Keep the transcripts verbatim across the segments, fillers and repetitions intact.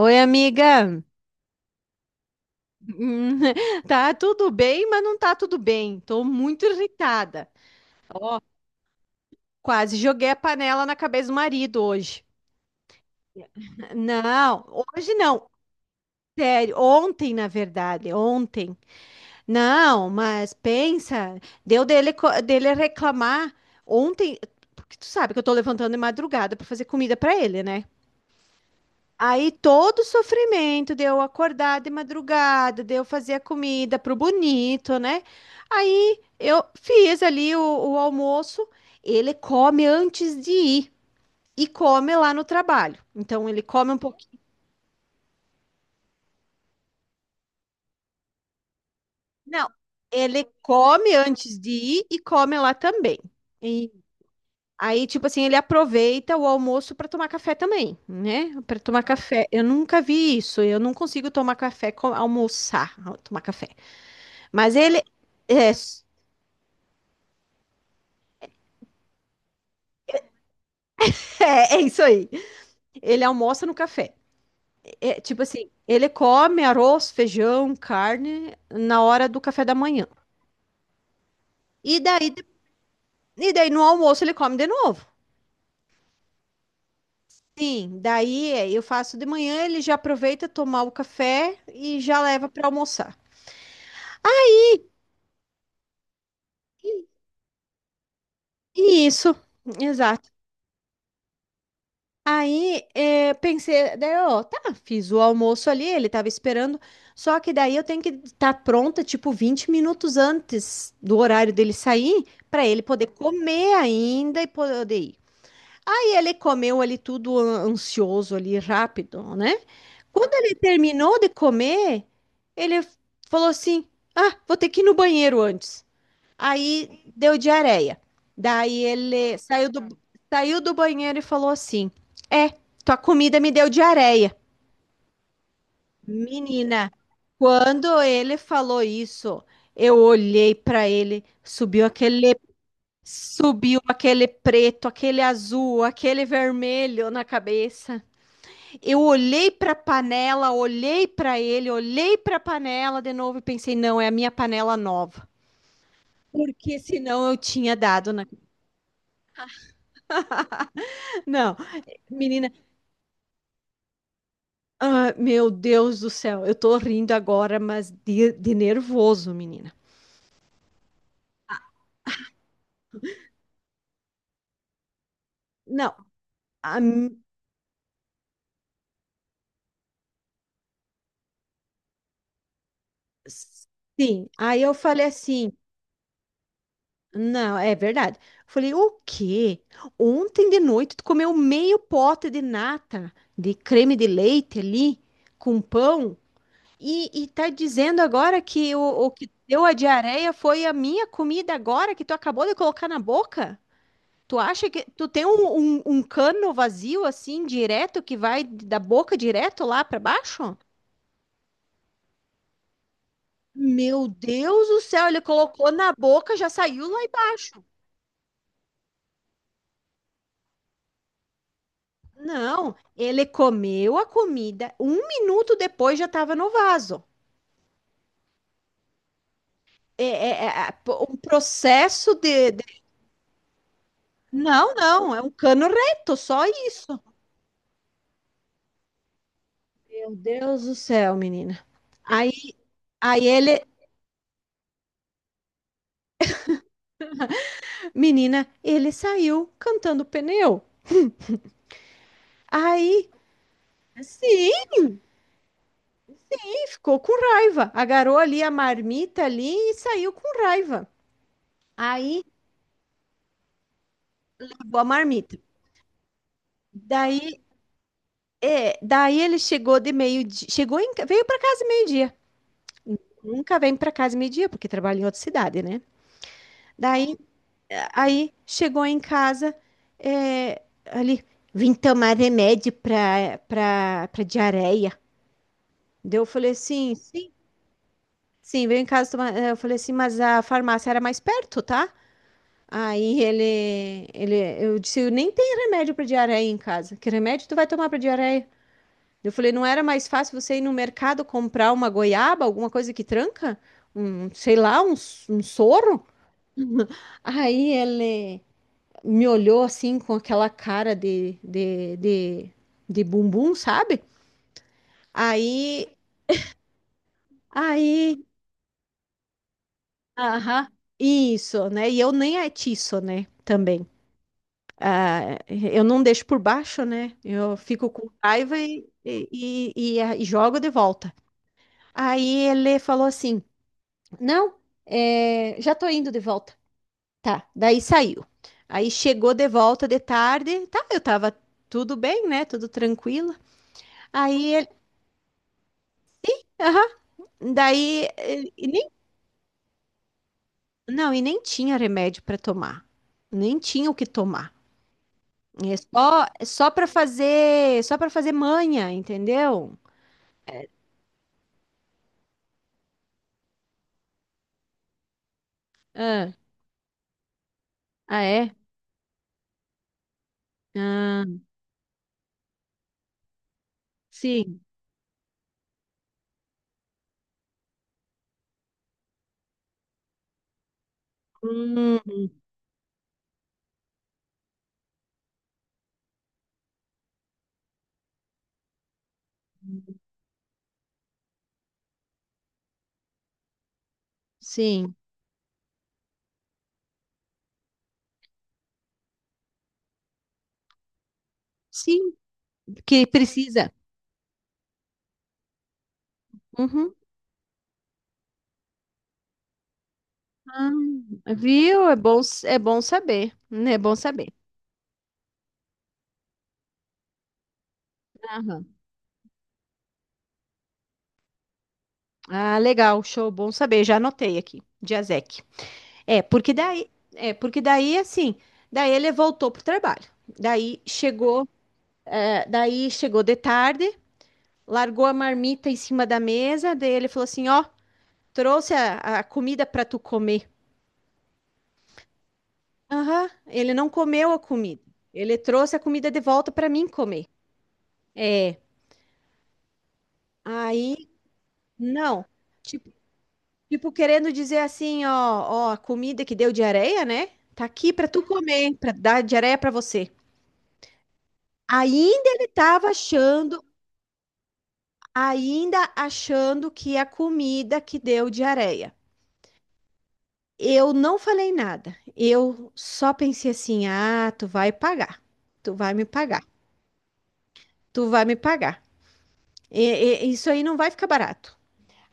Oi, amiga. Hum, Tá tudo bem, mas não tá tudo bem. Tô muito irritada. Ó, quase joguei a panela na cabeça do marido hoje. Não, hoje não. Sério, ontem, na verdade, ontem. Não, mas pensa, deu dele, co- dele reclamar ontem, porque tu sabe que eu tô levantando de madrugada pra fazer comida pra ele, né? Aí todo o sofrimento de eu acordar de madrugada, de eu fazer a comida pro bonito, né? Aí eu fiz ali o, o almoço, ele come antes de ir e come lá no trabalho. Então ele come um pouquinho. Não, ele come antes de ir e come lá também. E aí, tipo assim, ele aproveita o almoço para tomar café também, né? Para tomar café. Eu nunca vi isso. Eu não consigo tomar café, com- almoçar, tomar café. Mas ele. É, é, é isso aí. Ele almoça no café. É, tipo assim, ele come arroz, feijão, carne na hora do café da manhã. E daí, e daí no almoço ele come de novo. Sim, daí é, eu faço de manhã, ele já aproveita tomar o café e já leva para almoçar. E isso, exato. Aí, eh, pensei, daí, ó, tá, fiz o almoço ali, ele tava esperando, só que daí eu tenho que estar pronta, tipo, vinte minutos antes do horário dele sair, pra ele poder comer ainda e poder ir. Aí ele comeu ali tudo an- ansioso ali, rápido, né? Quando ele terminou de comer, ele falou assim: Ah, vou ter que ir no banheiro antes. Aí deu diarreia. Daí ele saiu do, saiu do banheiro e falou assim: É, tua comida me deu diarreia. Menina, quando ele falou isso, eu olhei pra ele, subiu aquele, subiu aquele preto, aquele azul, aquele vermelho na cabeça. Eu olhei pra panela, olhei pra ele, olhei pra panela de novo e pensei: Não, é a minha panela nova. Porque senão eu tinha dado na. Não, menina, ah, meu Deus do céu, eu tô rindo agora, mas de, de nervoso, menina. Não, a mi- sim, aí eu falei assim, não, é verdade. Falei, o quê? Ontem de noite tu comeu meio pote de nata, de creme de leite ali, com pão, e, e tá dizendo agora que o, o que deu a diarreia foi a minha comida agora que tu acabou de colocar na boca? Tu acha que tu tem um, um, um cano vazio assim, direto, que vai da boca direto lá para baixo? Meu Deus do céu, ele colocou na boca, já saiu lá embaixo. Não, ele comeu a comida, um minuto depois já estava no vaso. É, é- é- é um processo de, de- Não, não, é um cano reto, só isso. Meu Deus do céu, menina. Aí, aí ele, menina, ele saiu cantando pneu. Aí, sim. E ficou com raiva. Agarrou ali a marmita ali e saiu com raiva. Aí, acabou a marmita. Daí, é, daí ele chegou de meio-dia, chegou em ca- veio para casa meio-dia. Nunca vem para casa meio-dia porque trabalha em outra cidade, né? Daí, é, aí chegou em casa, é, ali, vim tomar remédio para para para diarreia. Daí eu falei assim, sim, sim, veio em casa tomar, eh, eu falei assim, mas a farmácia era mais perto, tá? Aí ele, ele, eu disse, nem tem remédio para diarreia em casa. Que remédio tu vai tomar para diarreia? Eu falei, não era mais fácil você ir no mercado comprar uma goiaba, alguma coisa que tranca? Um, sei lá, um, s- um soro? Aí ele me olhou assim com aquela cara de, de, de, de bumbum, sabe? Aí, aí, aham, isso, né? E eu nem atiço, né? Também. Ah, eu não deixo por baixo, né? Eu fico com raiva e, e, e, e jogo de volta. Aí ele falou assim: Não, é, já tô indo de volta. Tá, daí saiu. Aí chegou de volta de tarde, tá? Eu tava tudo bem, né? Tudo tranquilo. Aí ele, aham, daí, ele- e nem, não, e nem tinha remédio para tomar, nem tinha o que tomar. É só, é só para fazer, só para fazer manha, entendeu? Ah, ah, é? Ah, sim. Hum, sim. Sim, que precisa. Uhum. Ah, viu? É bom, s- é bom saber, né? É bom saber. Aham. Ah, legal, show, bom saber. Já anotei aqui, Diazec. É, porque daí, é, porque daí assim, daí ele voltou pro trabalho. Daí chegou, é, daí chegou de tarde, largou a marmita em cima da mesa, daí ele falou assim, ó, trouxe a, a comida para tu comer. Aham, ele não comeu a comida. Ele trouxe a comida de volta para mim comer. É. Aí, não. Tipo, tipo, querendo dizer assim, ó, ó, a comida que deu diarreia, né? Tá aqui para tu comer, para dar diarreia para você. Ainda ele tava achando, ainda achando que a comida que deu diarreia. Eu não falei nada. Eu só pensei assim: "Ah, tu vai pagar. Tu vai me pagar. Tu vai me pagar. E- e- isso aí não vai ficar barato."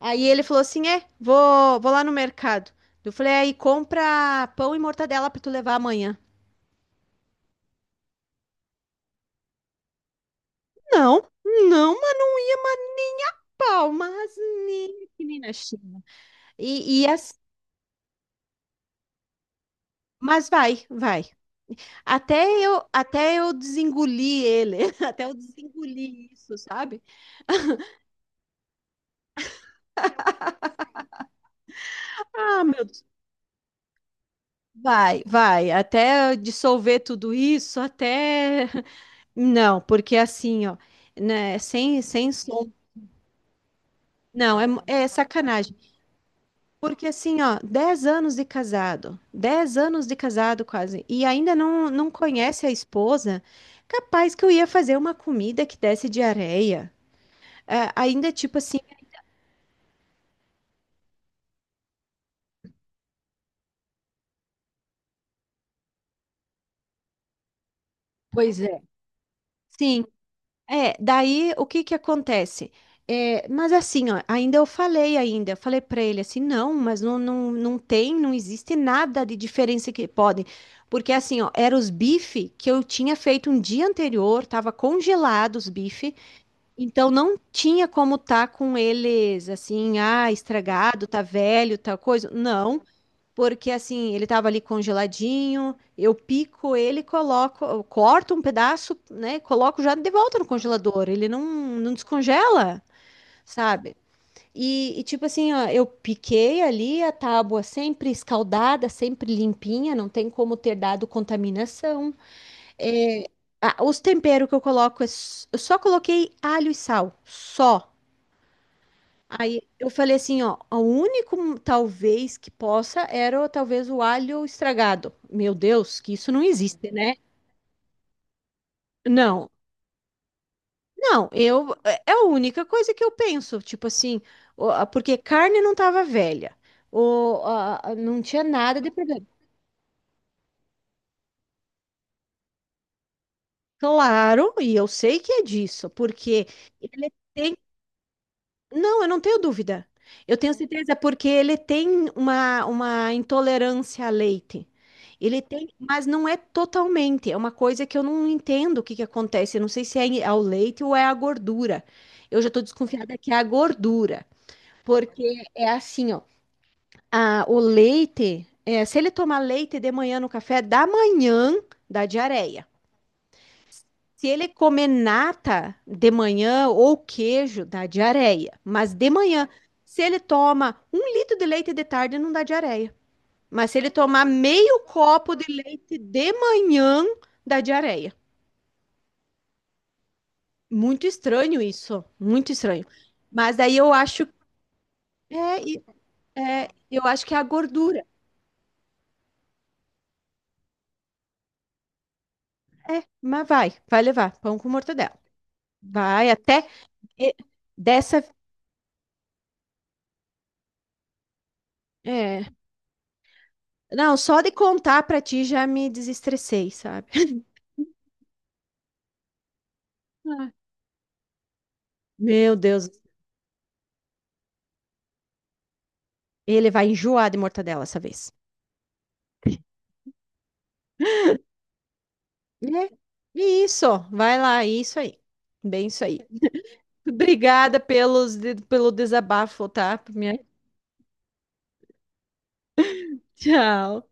Aí ele falou assim: é, vou, vou lá no mercado. Eu falei: aí compra pão e mortadela pra tu levar amanhã. Não, não, mas não ia, mas nem a pau, mas nem que nem na China. E, e as- mas vai, vai. Até eu, até eu desengoli ele, até eu desengoli isso, sabe? Ah, meu Deus. Vai, vai, até eu dissolver tudo isso, até. Não, porque assim, ó, né, sem, sem som. Não, é, é sacanagem. Porque assim, ó, dez anos de casado, dez anos de casado quase, e ainda não, não conhece a esposa, capaz que eu ia fazer uma comida que desse diarreia. É, ainda tipo assim, pois é. Sim, é, daí o que que acontece? É, mas assim, ó, ainda eu falei ainda, eu falei pra ele assim, não, mas não, não, não tem, não existe nada de diferença que pode, porque assim, ó, eram os bife que eu tinha feito um dia anterior, tava congelados os bife. Então não tinha como tá com eles assim, ah, estragado, tá velho, tal coisa. Não, porque assim, ele tava ali congeladinho, eu pico ele, coloco, eu corto um pedaço, né, coloco já de volta no congelador. Ele não, não descongela, sabe? E, e, tipo assim, ó, eu piquei ali a tábua sempre escaldada, sempre limpinha, não tem como ter dado contaminação. Ah, os temperos que eu coloco, é s- eu só coloquei alho e sal, só. Aí eu falei assim, ó, o único hum, talvez que possa era o- talvez o alho estragado. Meu Deus, que isso não existe, né? Não, não, eu é é a única coisa que eu penso, tipo assim, o- a- porque carne não tava velha, o, a- a- não tinha nada de problema. Claro, e eu sei que é disso, porque ele é não, eu não tenho dúvida. Eu tenho certeza porque ele tem uma, uma intolerância a leite. Ele tem, mas não é totalmente. É uma coisa que eu não entendo o que que acontece. Eu não sei se é ao leite ou é a gordura. Eu já estou desconfiada que é a gordura, porque é assim, ó. A- o leite, é, se ele tomar leite de manhã no café da manhã, dá diarreia. Se ele comer nata de manhã ou queijo, dá diarreia. Mas de manhã, se ele toma um litro de leite de tarde, não dá diarreia. Mas se ele tomar meio copo de leite de manhã, dá diarreia. Muito estranho isso, muito estranho. Mas daí eu acho, é, e- é, eu acho que é a gordura. É, mas vai, vai levar pão com mortadela. Vai até e- dessa, é, não, só de contar pra ti já me desestressei, sabe? Meu Deus, ele vai enjoar de mortadela essa vez. Né? Isso, vai lá, isso aí. Bem isso aí. Obrigada pelos, pelo desabafo, tá? Minha. Tchau.